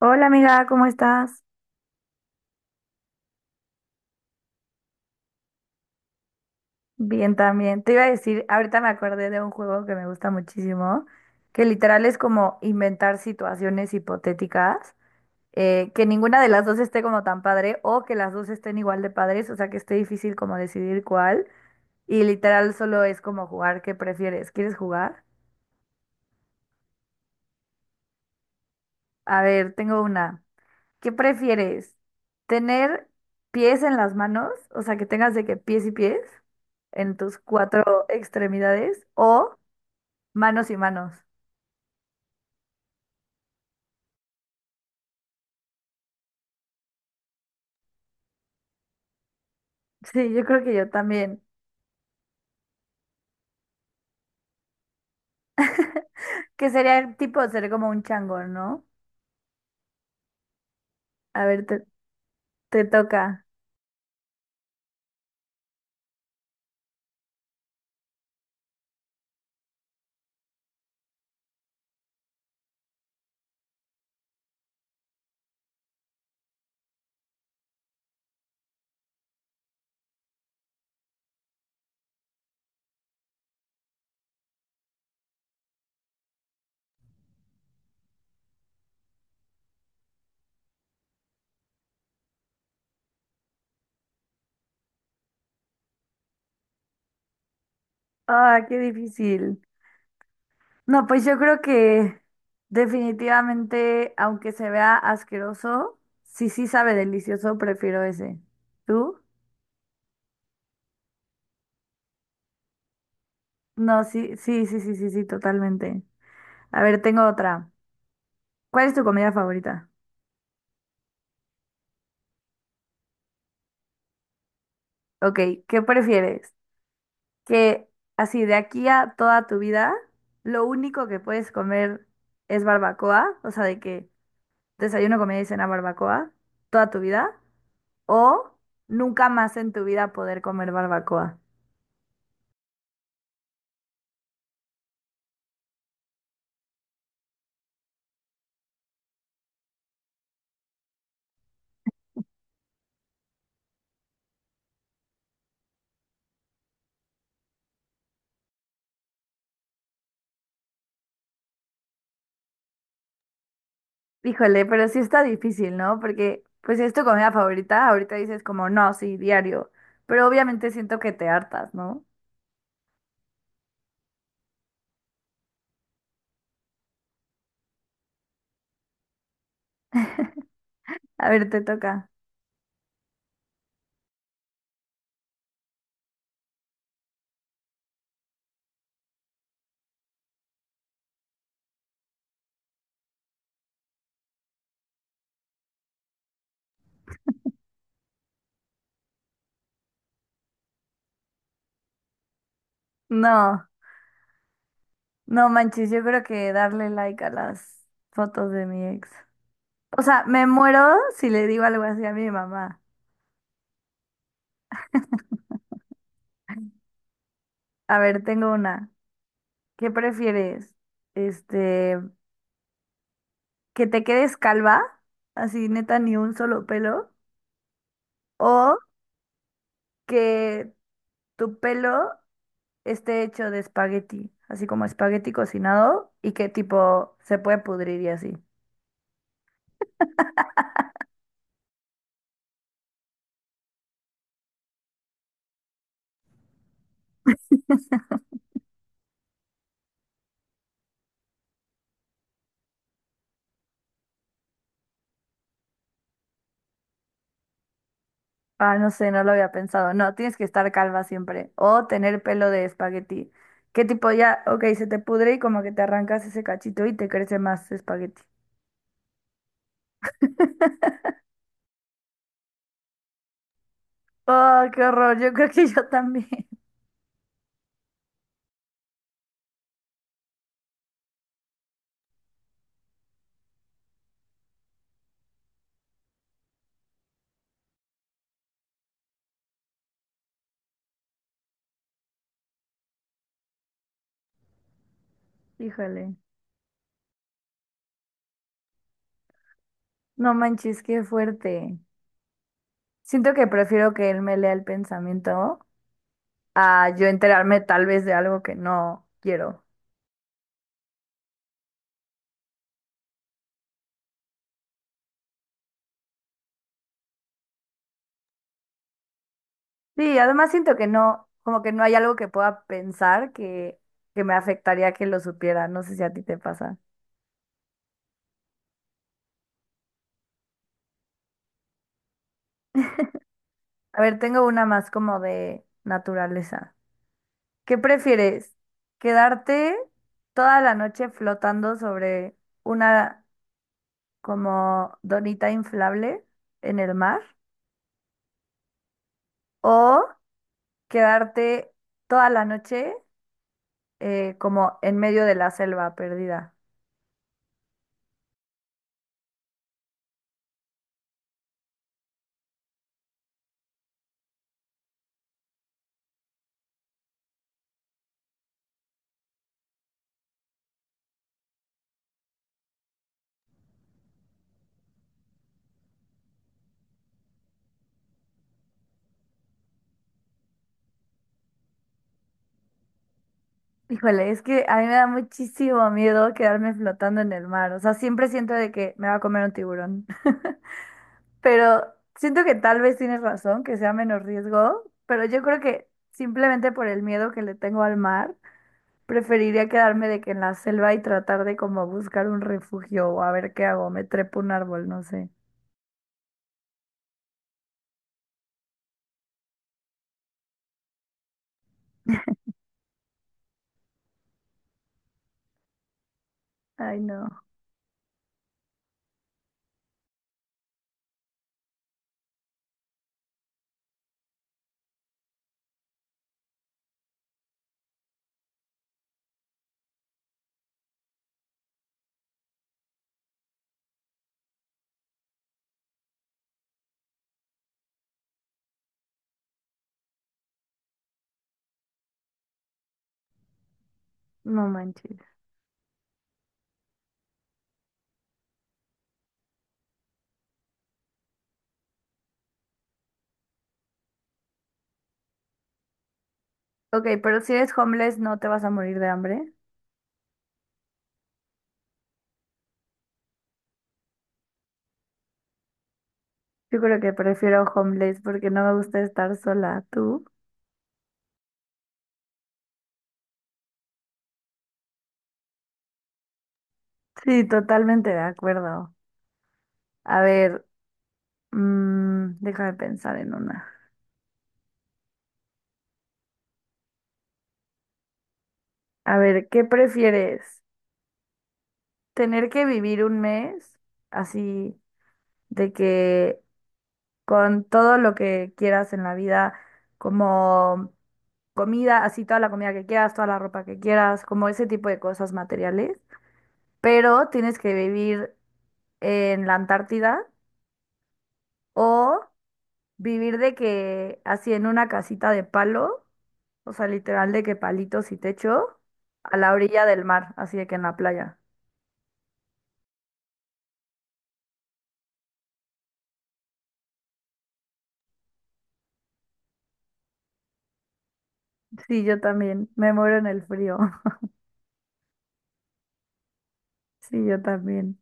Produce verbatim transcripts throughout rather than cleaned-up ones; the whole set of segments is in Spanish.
Hola amiga, ¿cómo estás? Bien también. Te iba a decir, ahorita me acordé de un juego que me gusta muchísimo, que literal es como inventar situaciones hipotéticas, eh, que ninguna de las dos esté como tan padre o que las dos estén igual de padres, o sea que esté difícil como decidir cuál. Y literal solo es como jugar, ¿qué prefieres? ¿Quieres jugar? A ver, tengo una. ¿Qué prefieres? ¿Tener pies en las manos? O sea, que tengas de que pies y pies en tus cuatro extremidades o manos y manos. Sí, yo creo que yo también. Que sería el tipo de ser como un chango, ¿no? A ver, te, te toca. Ah, qué difícil. No, pues yo creo que definitivamente, aunque se vea asqueroso, si sí sabe delicioso, prefiero ese. ¿Tú? No, sí, sí, sí, sí, sí, sí, totalmente. A ver, tengo otra. ¿Cuál es tu comida favorita? Ok, ¿qué prefieres? Que así de aquí a toda tu vida, lo único que puedes comer es barbacoa, o sea, de que desayuno, comida y cena barbacoa toda tu vida, o nunca más en tu vida poder comer barbacoa. Híjole, pero sí está difícil, ¿no? Porque pues si es tu comida favorita, ahorita dices como, no, sí, diario, pero obviamente siento que te hartas, ¿no? A ver, te toca. No, no manches, yo creo que darle like a las fotos de mi ex. O sea, me muero si le digo algo así a mi mamá. A ver, tengo una. ¿Qué prefieres? Este, que te quedes calva, así neta ni un solo pelo, o que tu pelo esté hecho de espagueti, así como espagueti cocinado y que tipo se puede pudrir y así. Ah, no sé, no lo había pensado. No, tienes que estar calva siempre o tener pelo de espagueti. Que tipo ya, ok, se te pudre y como que te arrancas ese cachito y te crece más espagueti. Oh, qué horror. Yo creo que yo también. Híjole. No manches, qué fuerte. Siento que prefiero que él me lea el pensamiento a yo enterarme tal vez de algo que no quiero. Sí, además siento que no, como que no hay algo que pueda pensar que, que me afectaría que lo supiera. No sé si a ti te pasa. A ver, tengo una más como de naturaleza. ¿Qué prefieres? ¿Quedarte toda la noche flotando sobre una como donita inflable en el mar o quedarte toda la noche eh, como en medio de la selva perdida? Híjole, es que a mí me da muchísimo miedo quedarme flotando en el mar. O sea, siempre siento de que me va a comer un tiburón. Pero siento que tal vez tienes razón, que sea menos riesgo, pero yo creo que simplemente por el miedo que le tengo al mar, preferiría quedarme de que en la selva y tratar de como buscar un refugio o a ver qué hago, me trepo un árbol, no sé. Ay, no, no manches. Ok, pero si eres homeless, ¿no te vas a morir de hambre? Yo creo que prefiero homeless porque no me gusta estar sola. ¿Tú? Sí, totalmente de acuerdo. A ver, mm, déjame pensar en una. A ver, ¿qué prefieres? ¿Tener que vivir un mes así de que con todo lo que quieras en la vida, como comida, así toda la comida que quieras, toda la ropa que quieras, como ese tipo de cosas materiales, pero tienes que vivir en la Antártida, o vivir de que así en una casita de palo, o sea, literal de que palitos y techo, a la orilla del mar, así de que en la playa? Sí, yo también, me muero en el frío. Sí, yo también.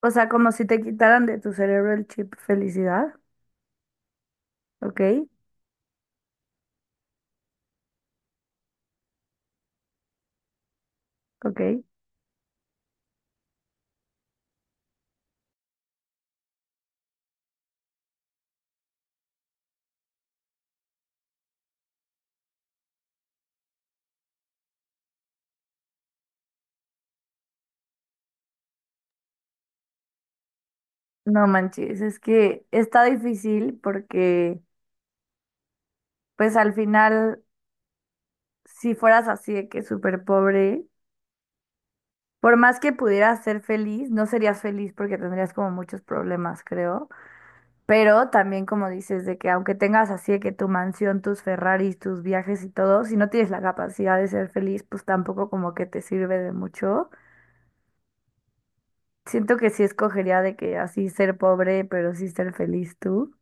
O sea, como si te quitaran de tu cerebro el chip felicidad, ¿ok? ¿Ok? No manches, es que está difícil porque pues al final, si fueras así de que súper pobre, por más que pudieras ser feliz, no serías feliz porque tendrías como muchos problemas, creo. Pero también como dices, de que aunque tengas así de que tu mansión, tus Ferraris, tus viajes y todo, si no tienes la capacidad de ser feliz, pues tampoco como que te sirve de mucho. Siento que sí escogería de que así ser pobre, pero sí ser feliz tú.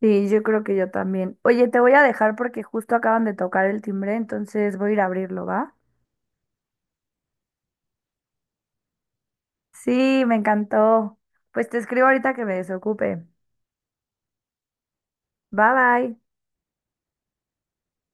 Sí, yo creo que yo también. Oye, te voy a dejar porque justo acaban de tocar el timbre, entonces voy a ir a abrirlo, ¿va? Sí, me encantó. Pues te escribo ahorita que me desocupe. Bye bye.